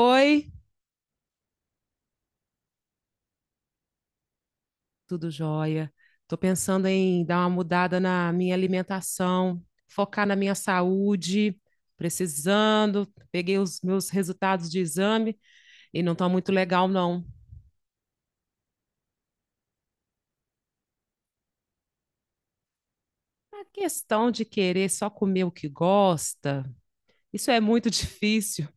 Oi, tudo jóia. Tô pensando em dar uma mudada na minha alimentação, focar na minha saúde, precisando. Peguei os meus resultados de exame e não tá muito legal, não. A questão de querer só comer o que gosta, isso é muito difícil,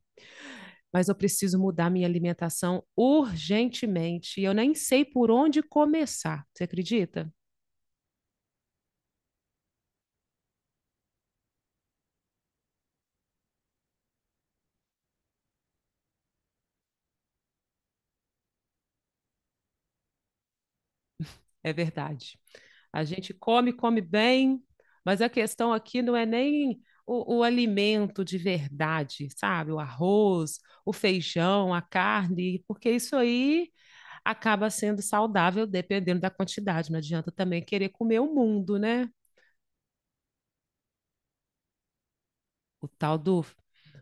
mas eu preciso mudar minha alimentação urgentemente e eu nem sei por onde começar. Você acredita? É verdade. A gente come, come bem, mas a questão aqui não é nem o alimento de verdade, sabe? O arroz, o feijão, a carne, porque isso aí acaba sendo saudável dependendo da quantidade. Não adianta também querer comer o mundo, né? O tal do,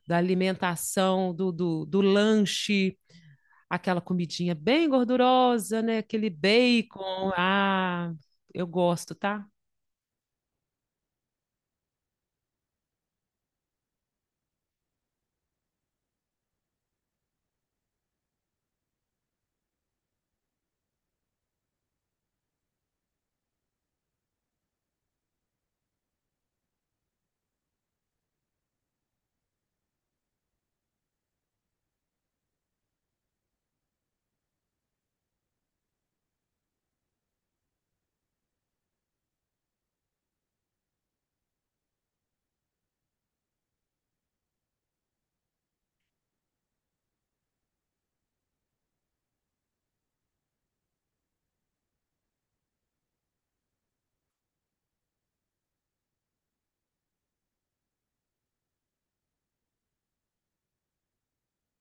da alimentação, do lanche, aquela comidinha bem gordurosa, né? Aquele bacon. Ah, eu gosto, tá?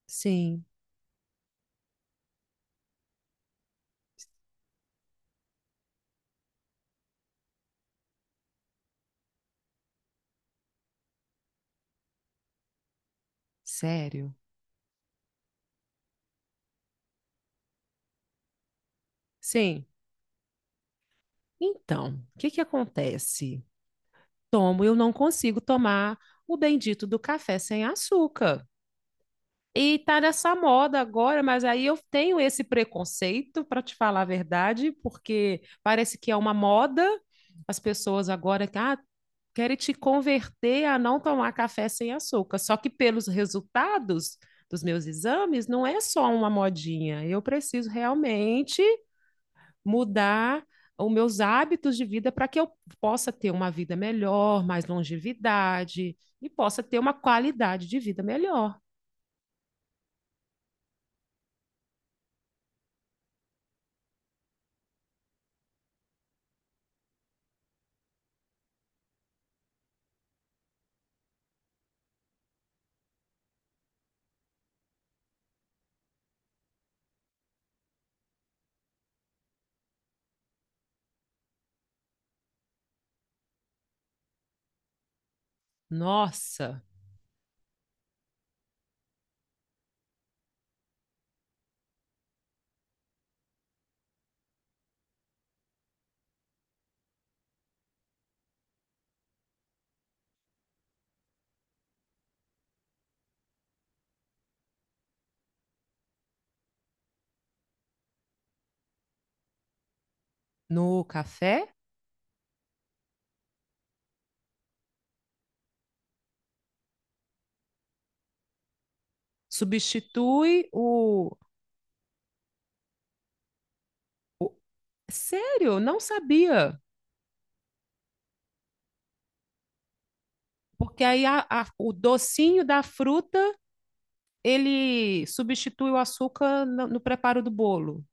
Sim. Sério? Sim. Então, o que que acontece? Tomo, eu não consigo tomar o bendito do café sem açúcar. E tá nessa moda agora, mas aí eu tenho esse preconceito, para te falar a verdade, porque parece que é uma moda. As pessoas agora que querem te converter a não tomar café sem açúcar. Só que pelos resultados dos meus exames, não é só uma modinha. Eu preciso realmente mudar os meus hábitos de vida para que eu possa ter uma vida melhor, mais longevidade e possa ter uma qualidade de vida melhor. Nossa, no café substitui o... sério, não sabia. Porque aí o docinho da fruta, ele substitui o açúcar no preparo do bolo.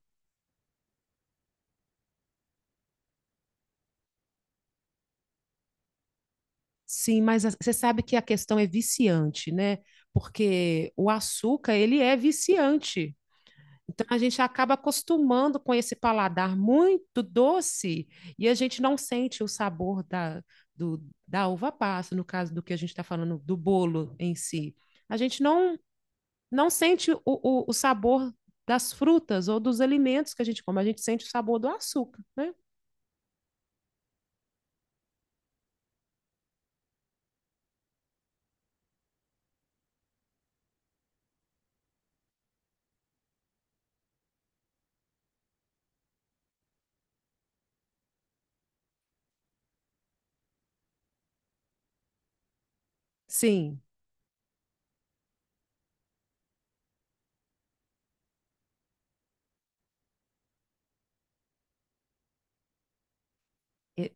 Sim, mas você sabe que a questão é viciante, né? Porque o açúcar, ele é viciante. Então, a gente acaba acostumando com esse paladar muito doce e a gente não sente o sabor do, da uva passa, no caso do que a gente está falando, do bolo em si. A gente não, não sente o sabor das frutas ou dos alimentos que a gente come, a gente sente o sabor do açúcar, né? Sim, e-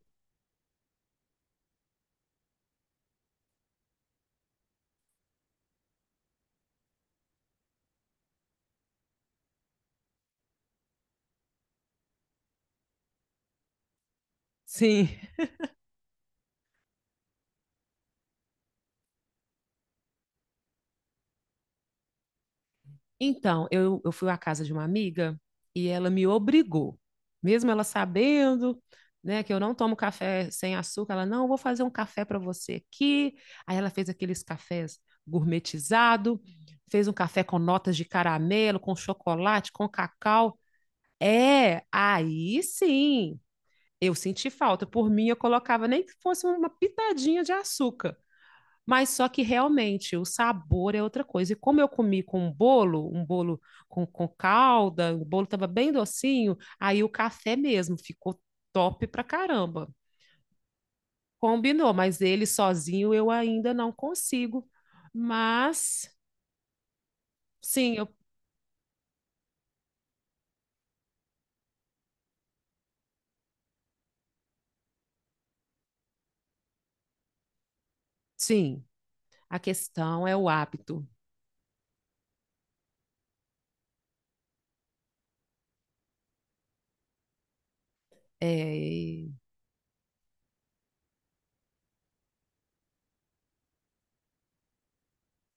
sim. Então, eu fui à casa de uma amiga e ela me obrigou, mesmo ela sabendo, né, que eu não tomo café sem açúcar, ela, não, eu vou fazer um café para você aqui. Aí ela fez aqueles cafés gourmetizado, fez um café com notas de caramelo, com chocolate, com cacau. É, aí sim, eu senti falta. Por mim, eu colocava nem que fosse uma pitadinha de açúcar. Mas só que realmente o sabor é outra coisa. E como eu comi com um bolo com calda, o bolo estava bem docinho, aí o café mesmo ficou top pra caramba. Combinou, mas ele sozinho eu ainda não consigo. Mas sim, eu, sim, a questão é o hábito. É,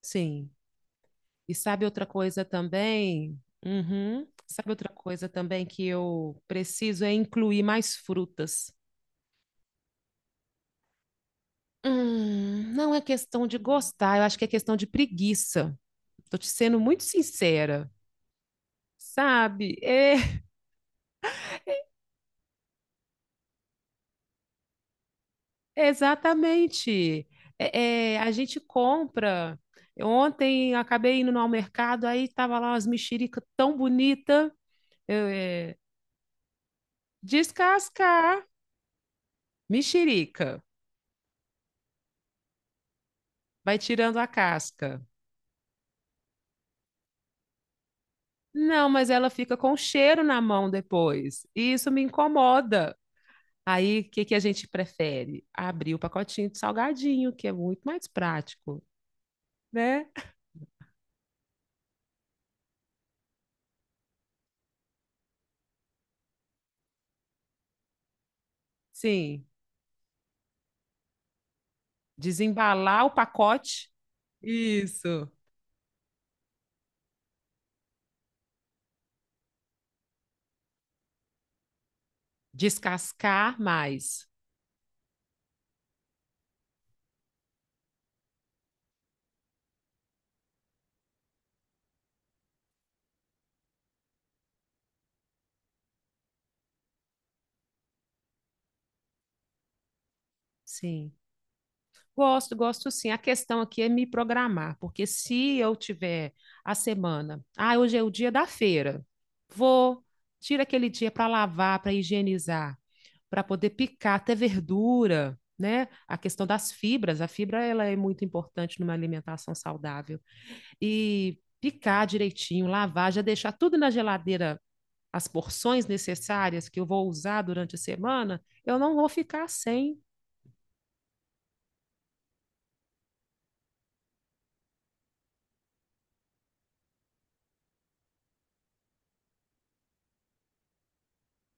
sim. E sabe outra coisa também? Uhum. Sabe outra coisa também que eu preciso é incluir mais frutas. Não é questão de gostar, eu acho que é questão de preguiça. Tô te sendo muito sincera, sabe? É, exatamente. A gente compra. Ontem eu acabei indo ao mercado, aí tava lá umas mexerica tão bonita. Eu, é, descascar mexerica, vai tirando a casca. Não, mas ela fica com cheiro na mão depois. E isso me incomoda. Aí, o que que a gente prefere? Abrir o pacotinho de salgadinho, que é muito mais prático, né? Sim, desembalar o pacote, isso, descascar mais. Sim. Gosto, gosto sim. A questão aqui é me programar, porque se eu tiver a semana, ah, hoje é o dia da feira, vou, tira aquele dia para lavar, para higienizar, para poder picar até verdura, né? A questão das fibras, a fibra ela é muito importante numa alimentação saudável. E picar direitinho, lavar, já deixar tudo na geladeira, as porções necessárias que eu vou usar durante a semana, eu não vou ficar sem.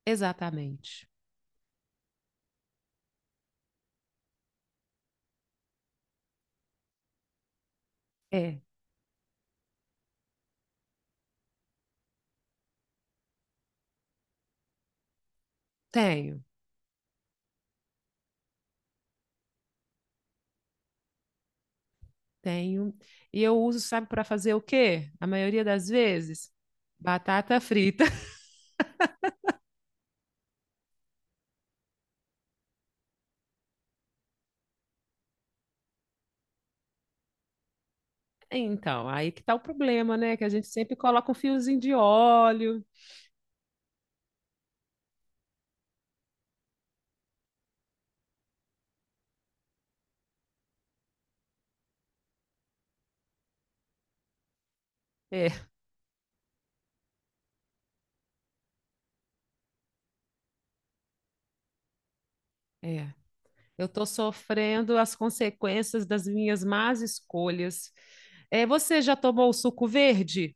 Exatamente. É, tenho. Tenho. E eu uso, sabe, para fazer o quê? A maioria das vezes, batata frita. Então, aí que tá o problema, né? Que a gente sempre coloca um fiozinho de óleo. É, é. Eu tô sofrendo as consequências das minhas más escolhas. É, você já tomou o suco verde?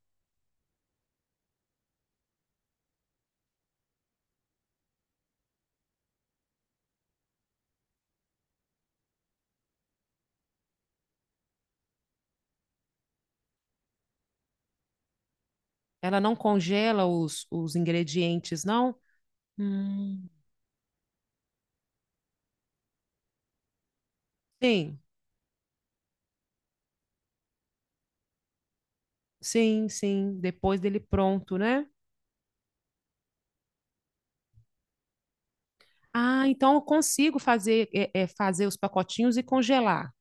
Ela não congela os ingredientes, não? Hum. Sim, sim. Depois dele pronto, né? Ah, então eu consigo fazer, fazer os pacotinhos e congelar.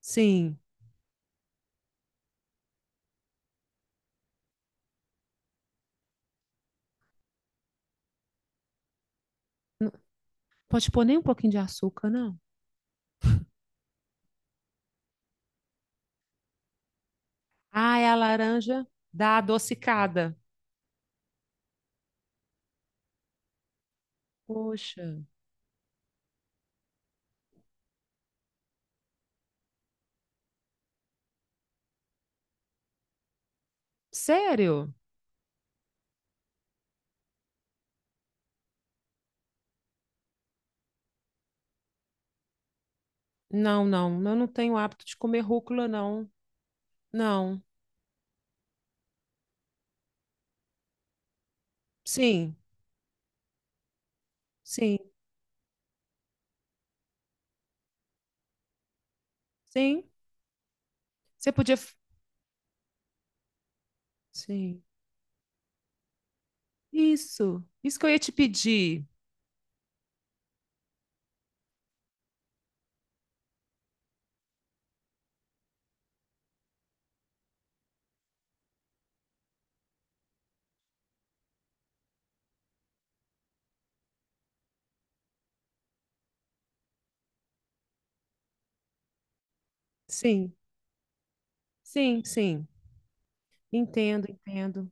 Sim. N- Pode pôr nem um pouquinho de açúcar, não? Ah, é a laranja da adocicada. Poxa. Sério? Não, não, eu não tenho hábito de comer rúcula, não. Não. Sim, sim, Sim, você podia. Sim, Isso, isso que eu ia te pedir. Sim, sim, sim, entendo, entendo.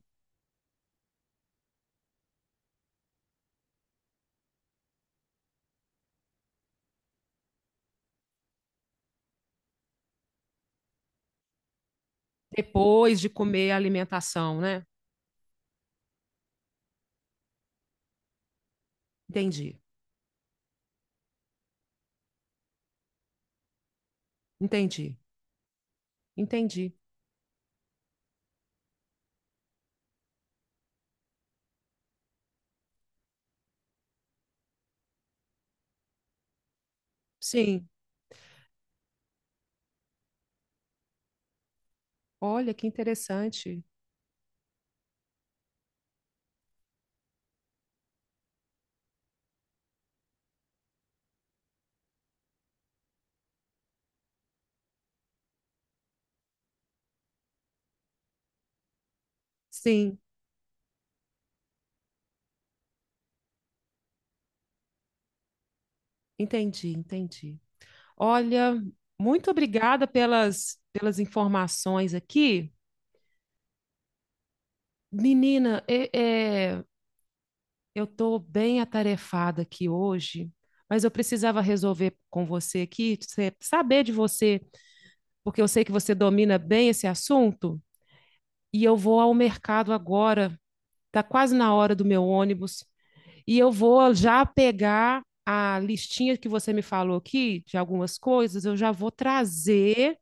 Depois de comer a alimentação, né? Entendi, entendi, entendi. Sim, olha que interessante. Sim, entendi, entendi. Olha, muito obrigada pelas, pelas informações aqui. Menina, é, eu estou bem atarefada aqui hoje, mas eu precisava resolver com você aqui, saber de você, porque eu sei que você domina bem esse assunto, e eu vou ao mercado agora. Está quase na hora do meu ônibus. E eu vou já pegar a listinha que você me falou aqui de algumas coisas, eu já vou trazer.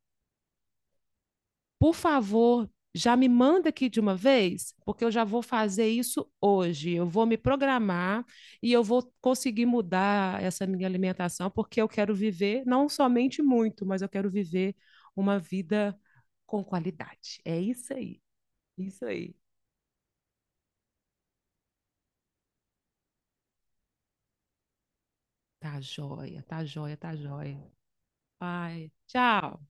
Por favor, já me manda aqui de uma vez, porque eu já vou fazer isso hoje. Eu vou me programar e eu vou conseguir mudar essa minha alimentação, porque eu quero viver não somente muito, mas eu quero viver uma vida com qualidade. É isso aí, isso aí. Tá joia, tá joia, tá joia. Pai, tchau.